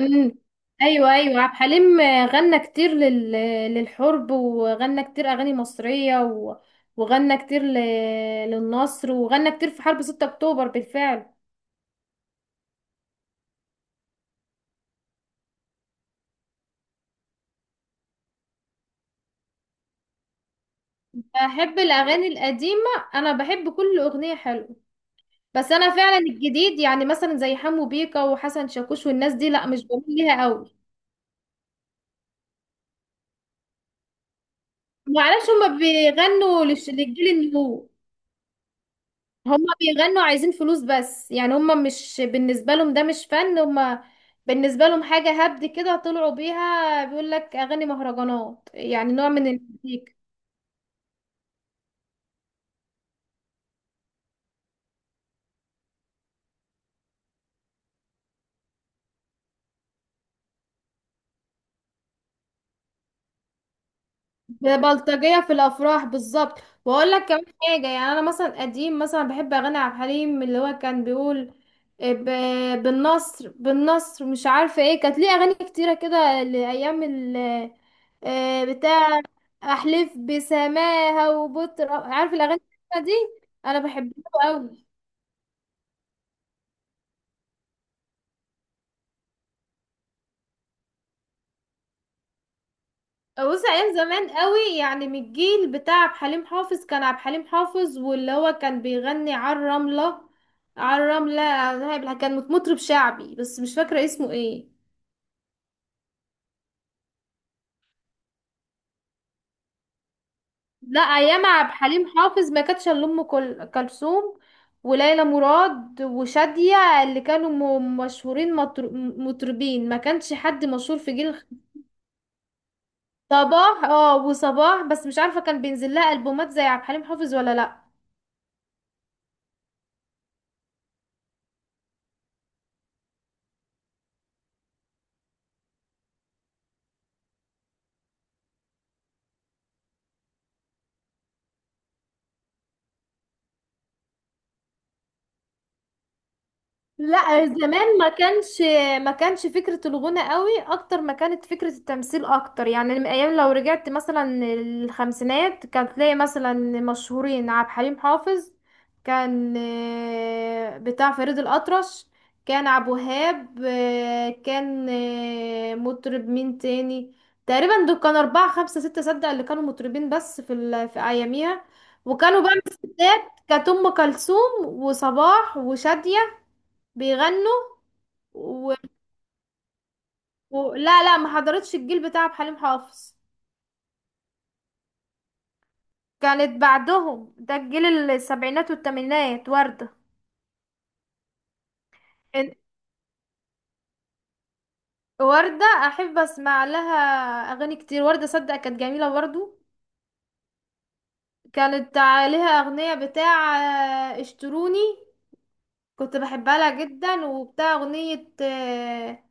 امم ايوه، ايوه، عبد الحليم غنى كتير للحرب، وغنى كتير اغاني مصريه وغنى كتير للنصر، وغنى كتير في حرب 6 اكتوبر بالفعل. بحب الاغاني القديمه، انا بحب كل اغنيه حلوه، بس انا فعلا الجديد يعني مثلا زي حمو بيكا وحسن شاكوش والناس دي لا، مش بميل ليها قوي. معرفش هما بيغنوا للجيل النمو، هما بيغنوا عايزين فلوس بس، يعني هما مش بالنسبة لهم ده مش فن، هما بالنسبة لهم حاجة هبد كده طلعوا بيها، بيقول لك أغاني مهرجانات يعني نوع من المزيكا، بلطجية في الأفراح بالظبط. وأقول لك كمان حاجة، يعني أنا مثلا قديم مثلا بحب أغاني عبد الحليم، اللي هو كان بيقول بالنصر، بالنصر، مش عارفة ايه، كانت ليه أغاني كتيرة كده لأيام ال بتاع، أحلف بسماها وبطر، عارف الأغاني دي، أنا بحبها أوي. بص، ايام زمان قوي يعني من الجيل بتاع عبد الحليم حافظ، كان عبد الحليم حافظ واللي هو كان بيغني على الرملة، على الرملة كان مطرب شعبي بس مش فاكرة اسمه ايه. لا، ايام عبد الحليم حافظ ما كانتش الا ام كلثوم وليلى مراد وشادية، اللي كانوا مشهورين، مطربين، ما كانش حد مشهور في جيل. صباح، اه، وصباح بس مش عارفة كان بينزل لها البومات زي عبد الحليم حافظ ولا لا. لا زمان ما كانش، فكرة الغنى قوي اكتر ما كانت فكرة التمثيل اكتر، يعني من ايام لو رجعت مثلا الخمسينات كان تلاقي مثلا مشهورين عبد الحليم حافظ، كان بتاع فريد الأطرش، كان عبد الوهاب، كان مطرب مين تاني، تقريبا دول كانوا أربعة خمسة ستة صدق اللي كانوا مطربين بس في أياميها. وكانوا بقى من الستات كانت أم كلثوم وصباح وشادية بيغنوا و... لا لا، ما حضرتش الجيل بتاع عبد الحليم حافظ، كانت بعدهم، ده الجيل السبعينات والثمانينات وردة. إن- وردة أحب أسمع لها أغاني كتير، وردة صدق كانت جميلة برضو، كانت عليها أغنية بتاع اشتروني، كنت بحبها لها جدا، وبتاع أغنية آه،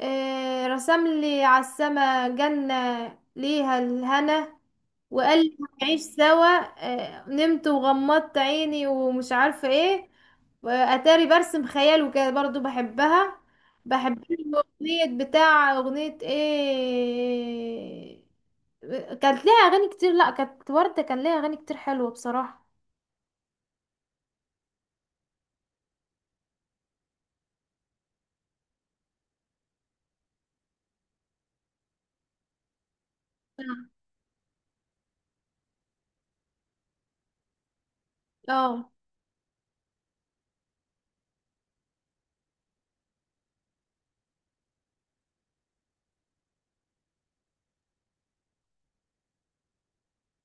آه، رسم لي على السما جنة، ليها الهنا وقال لي هنعيش سوا، نمت وغمضت عيني ومش عارفة ايه، وأتاري برسم خيال وكده، برضو بحبها. بحب له أغنية بتاع أغنية ايه، كانت ليها أغاني كتير، لأ كانت وردة كان ليها أغاني كتير حلوة بصراحة. اه.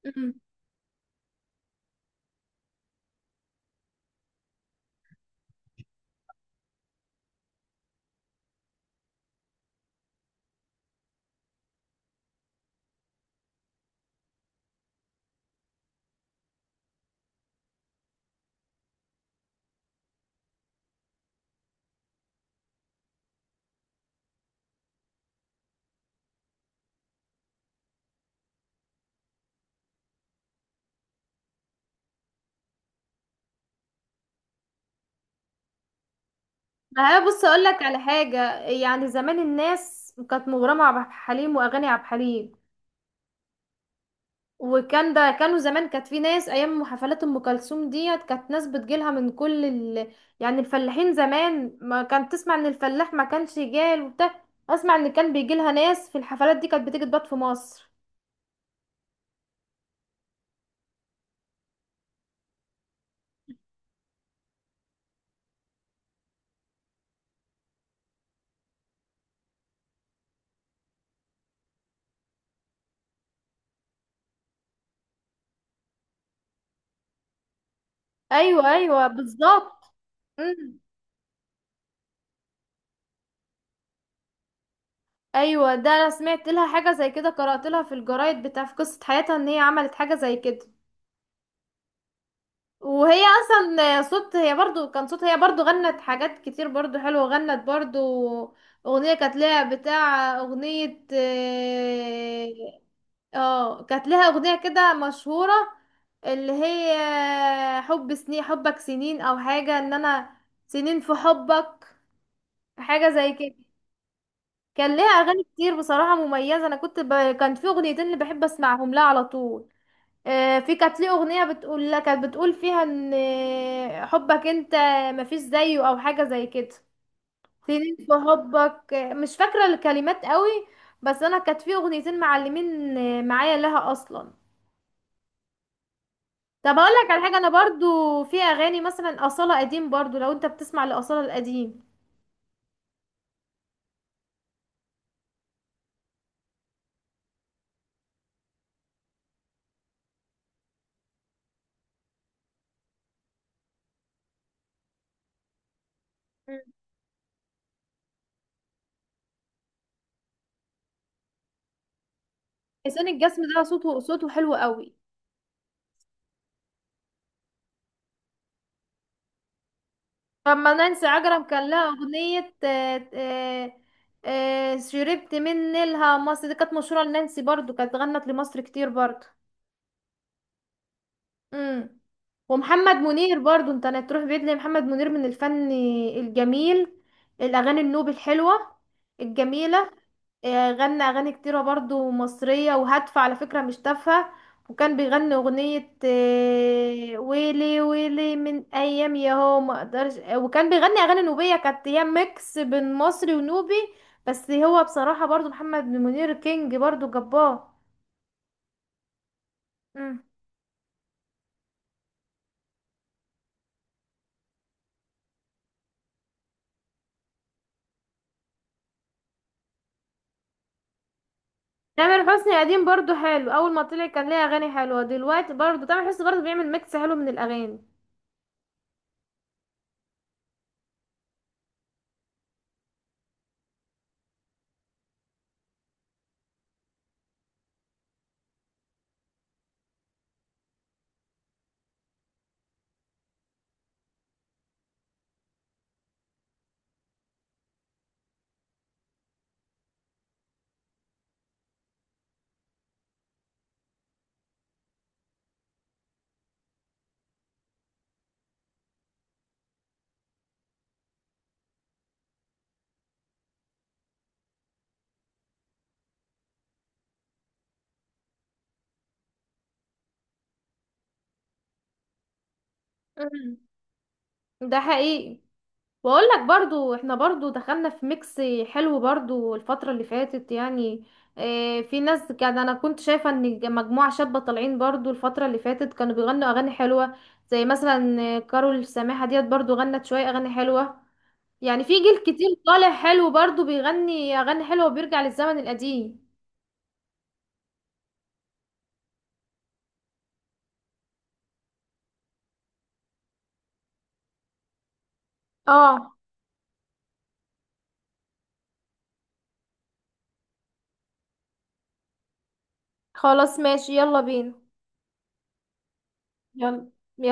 أمم. ما هي بص اقول لك على حاجه، يعني زمان الناس كانت مغرمه على عبد الحليم واغاني عبد الحليم، وكان ده كانوا زمان كانت في ناس ايام حفلات ام كلثوم ديت كانت ناس بتجيلها من كل ال... يعني الفلاحين زمان ما كانت تسمع ان الفلاح ما كانش جال وبتاع، اسمع ان كان بيجيلها ناس في الحفلات دي كانت بتيجي تبات في مصر. ايوه، ايوه، بالظبط. امم. ايوه، ده انا سمعت لها حاجه زي كده، قرات لها في الجرايد بتاع في قصه حياتها ان هي عملت حاجه زي كده. وهي اصلا صوت، هي برضو كان صوت هي برضو غنت حاجات كتير برضو حلوة، غنت برضو اغنية كانت لها بتاع اغنية اه، كانت لها اغنية كده مشهورة، اللي هي حب سنين، حبك سنين، او حاجة ان انا سنين في حبك، حاجة زي كده. كان لها اغاني كتير بصراحة مميزة، انا كنت كان في اغنيتين اللي بحب اسمعهم لها على طول، في كانت ليه اغنيه بتقول لك، كانت بتقول فيها ان حبك انت مفيش زيه او حاجه زي كده، تنين في حبك، مش فاكره الكلمات قوي، بس انا كانت في اغنيتين معلمين معايا لها اصلا. طب اقول لك على حاجه، انا برضو في اغاني مثلا اصاله قديم برضو، لو انت بتسمع لاصاله القديم. مم. حسين الجسمي ده صوته، صوته حلو قوي. لما نانسي عجرم كان لها اغنية شربت من نيلها مصر، دي كانت مشهورة لنانسي برضو، كانت غنت لمصر كتير برضو. امم. ومحمد منير برضو، انت هتروح بعيد ليه، محمد منير من الفن الجميل، الاغاني النوب الحلوه الجميله، غنى اغاني كتيره برضو مصريه وهادفه على فكره مش تافهه، وكان بيغني اغنيه ويلي ويلي من ايام يا هو ما اقدرش، وكان بيغني اغاني نوبيه كانت هي ميكس بين مصري ونوبي، بس هو بصراحه برضو محمد منير كينج برضو جبار. تامر حسني قديم برضو حلو، اول ما طلع كان ليه اغاني حلوه، دلوقتي برضو تامر حسني برضو بيعمل ميكس حلو من الاغاني. مم. ده حقيقي. واقول لك برضو، احنا برضو دخلنا في ميكس حلو برضو الفترة اللي فاتت يعني، اه في ناس كان انا كنت شايفة ان مجموعة شابة طالعين برضو الفترة اللي فاتت كانوا بيغنوا اغاني حلوة، زي مثلا كارول سماحة ديت برضو غنت شوية اغاني حلوة، يعني في جيل كتير طالع حلو برضو بيغني اغاني حلوة وبيرجع للزمن القديم. اه، خلاص ماشي، يلا بينا، يلا، يلا.